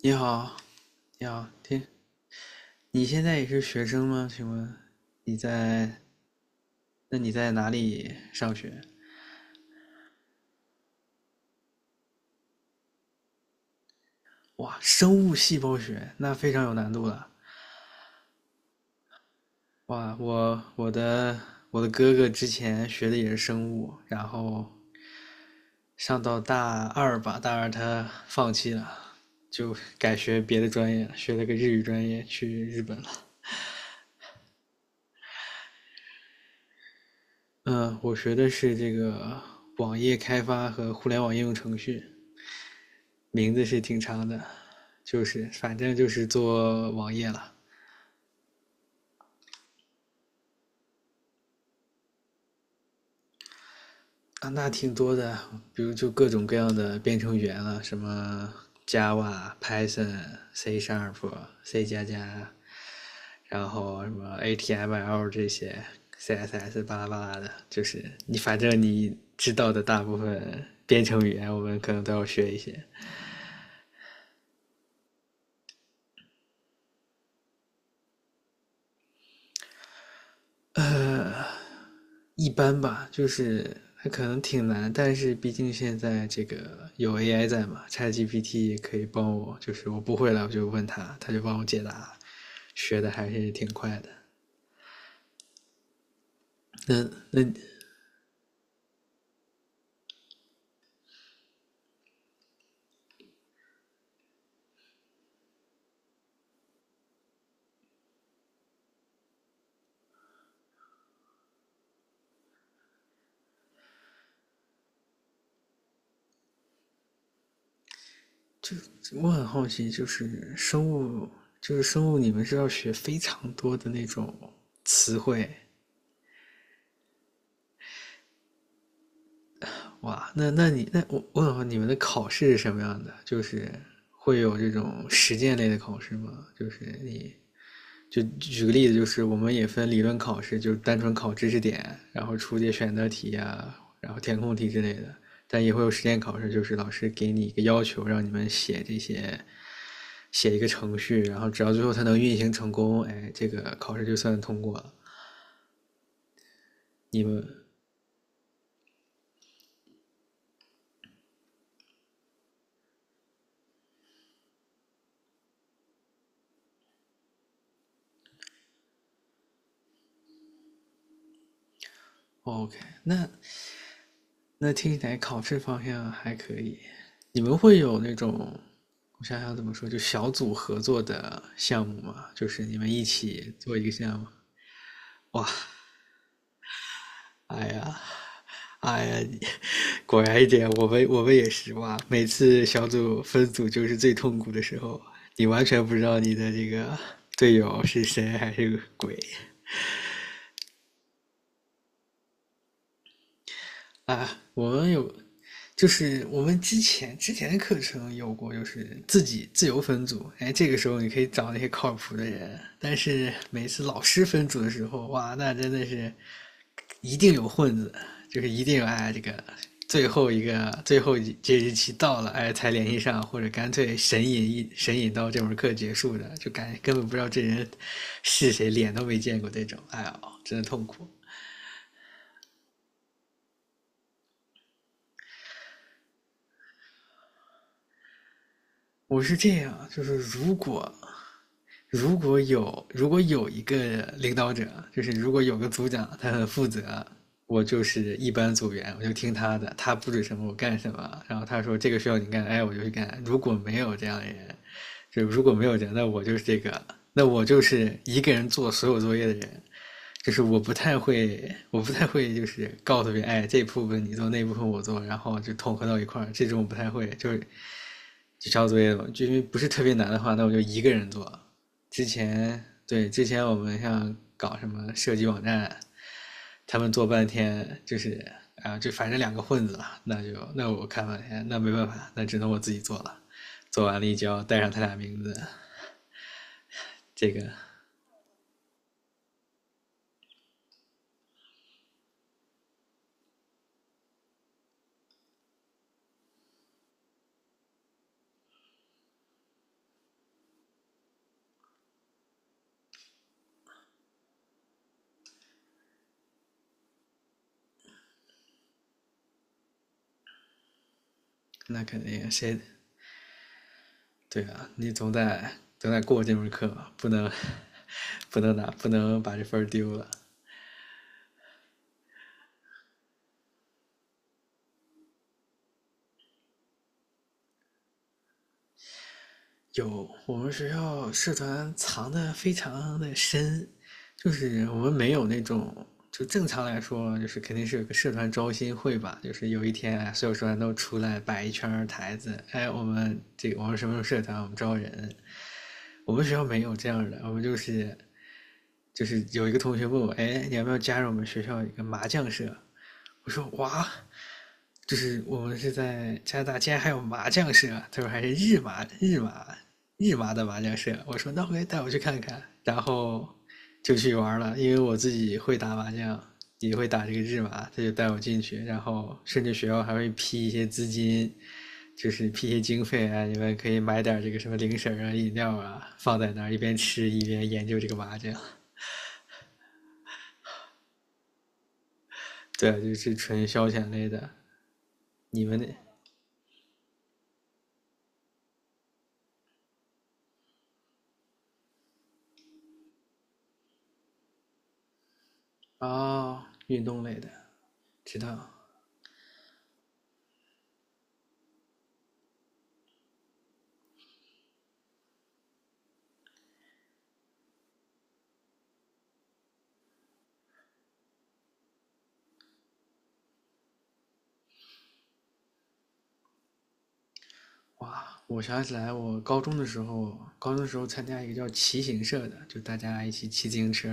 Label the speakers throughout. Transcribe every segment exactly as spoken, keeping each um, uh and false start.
Speaker 1: 你好，你好，听，你现在也是学生吗？请问你在，那你在哪里上学？哇，生物细胞学，那非常有难度了。哇，我我的我的哥哥之前学的也是生物，然后上到大二吧，大二他放弃了，就改学别的专业了，学了个日语专业，去日本了。嗯，我学的是这个网页开发和互联网应用程序。名字是挺长的，就是反正就是做网页了。啊，那挺多的，比如就各种各样的编程语言了，什么 Java、Python、C Sharp、C 加加，然后什么 H T M L 这些，C S S 巴拉巴拉的，就是你反正你知道的大部分编程语言，我们可能都要学一些。一般吧，就是还可能挺难，但是毕竟现在这个有 A I 在嘛，ChatGPT 可以帮我，就是我不会了我就问他，他就帮我解答，学的还是挺快的。那那我很好奇，就是生物，就是生物，你们是要学非常多的那种词汇哇？那那你那我我很好奇，你们的考试是什么样的？就是会有这种实践类的考试吗？就是你就举个例子，就是我们也分理论考试，就是单纯考知识点，然后出些选择题啊，然后填空题之类的。但也会有实践考试，就是老师给你一个要求，让你们写这些，写一个程序，然后只要最后它能运行成功，哎，这个考试就算通过了。你们哦 OK？那那听起来考试方向还可以。你们会有那种，我想想怎么说，就小组合作的项目吗？就是你们一起做一个项目。哇，哎呀，哎呀，果然一点，我们我们也是哇！每次小组分组就是最痛苦的时候，你完全不知道你的这个队友是谁还是个鬼啊！我们有，就是我们之前之前的课程有过，就是自己自由分组，哎，这个时候你可以找那些靠谱的人，但是每次老师分组的时候，哇，那真的是一定有混子，就是一定有哎这个最后一个最后这日期到了哎才联系上，或者干脆神隐一神隐到这门课结束的，就感根本不知道这人是谁，脸都没见过这种，哎呀，真的痛苦。我是这样，就是如果如果有如果有一个领导者，就是如果有个组长，他很负责，我就是一班组员，我就听他的，他布置什么我干什么。然后他说这个需要你干，哎，我就去干。如果没有这样的人，就如果没有人，那我就是这个，那我就是一个人做所有作业的人。就是我不太会，我不太会，就是告诉别人，哎，这部分你做，那部分我做，然后就统合到一块儿，这种我不太会。就是就抄作业嘛，就因为不是特别难的话，那我就一个人做。之前对，之前我们像搞什么设计网站，他们做半天就是啊，就反正两个混子了，那就那我看半天，那没办法，那只能我自己做了。做完了一交，带上他俩名字，这个那肯定谁对啊，你总得总得过这门课吧，不能 不能拿不能把这分丢了。有，我们学校社团藏的非常的深，就是我们没有那种，就正常来说，就是肯定是有个社团招新会吧，就是有一天啊所有社团都出来摆一圈台子，哎，我们这我们什么时候社团，我们招人，我们学校没有这样的，我们就是就是有一个同学问我，哎，你要不要加入我们学校一个麻将社？我说哇，就是我们是在加拿大，竟然还有麻将社，他说还是日麻日麻日麻的麻将社。我说那回带我去看看，然后就去玩了，因为我自己会打麻将，也会打这个日麻，他就带我进去，然后甚至学校还会批一些资金，就是批一些经费啊，你们可以买点这个什么零食啊、饮料啊，放在那儿一边吃一边研究这个麻将。对啊，就是纯消遣类的。你们那哦，运动类的，知道。哇，我想起来，我高中的时候，高中的时候参加一个叫骑行社的，就大家一起骑自行车，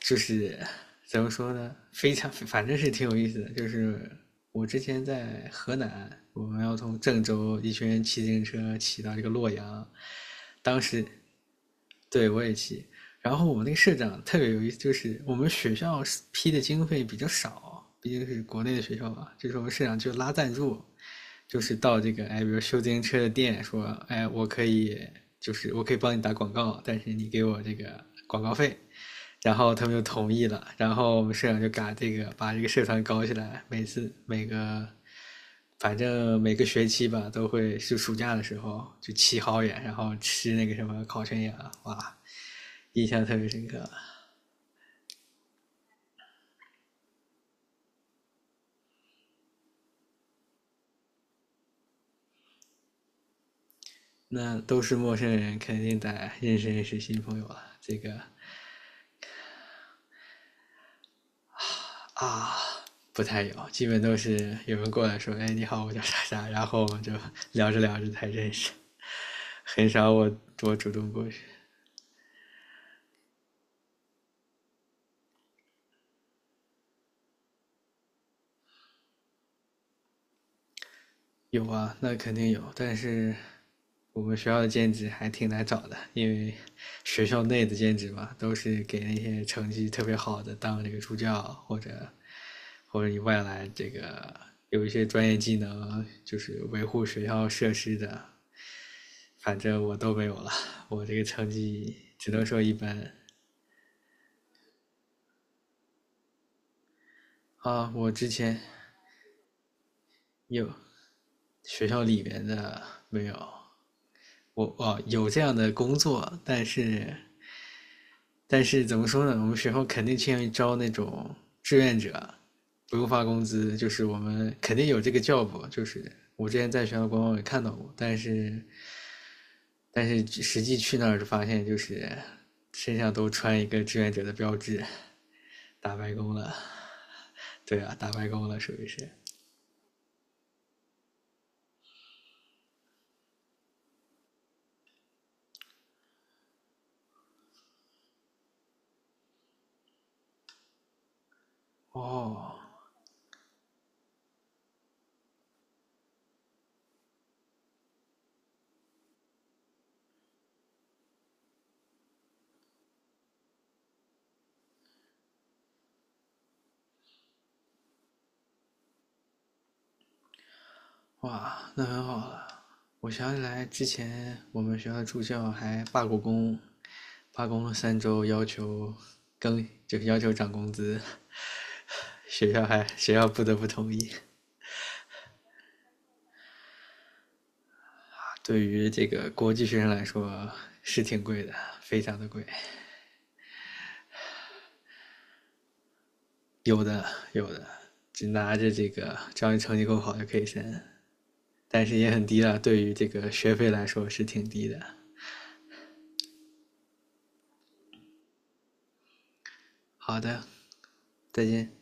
Speaker 1: 就是怎么说呢，非常反正是挺有意思的。就是我之前在河南，我们要从郑州一群人骑自行车骑到这个洛阳，当时对我也骑，然后我们那个社长特别有意思，就是我们学校批的经费比较少，毕竟是国内的学校嘛，就是我们社长就拉赞助。就是到这个哎，比如修自行车的店说，哎，我可以就是我可以帮你打广告，但是你给我这个广告费。然后他们就同意了，然后我们社长就嘎这个把这个社团搞起来，每次每个反正每个学期吧都会是暑假的时候就骑好远，然后吃那个什么烤全羊，哇，印象特别深刻。那都是陌生人，肯定得认识认识新朋友啊，这个啊，不太有，基本都是有人过来说："哎，你好，我叫啥啥。"然后我们就聊着聊着才认识，很少我我主动过去。有啊，那肯定有，但是我们学校的兼职还挺难找的，因为学校内的兼职嘛，都是给那些成绩特别好的当这个助教，或者或者你外来这个有一些专业技能，就是维护学校设施的，反正我都没有了，我这个成绩只能说一般啊。我之前有学校里面的没有，我哦有这样的工作，但是但是怎么说呢？我们学校肯定倾向于招那种志愿者，不用发工资，就是我们肯定有这个 job，就是我之前在学校官网也看到过，但是但是实际去那儿就发现就是身上都穿一个志愿者的标志，打白工了。对啊，打白工了属于是。哦，哇，那很好了。我想起来之前我们学校的助教还罢过工，罢工了三周，要求更就是要求涨工资，学校还学校不得不同意。对于这个国际学生来说是挺贵的，非常的贵。有的有的，只拿着这个，只要你成绩够好就可以申，但是也很低了。对于这个学费来说是挺低的。好的，再见。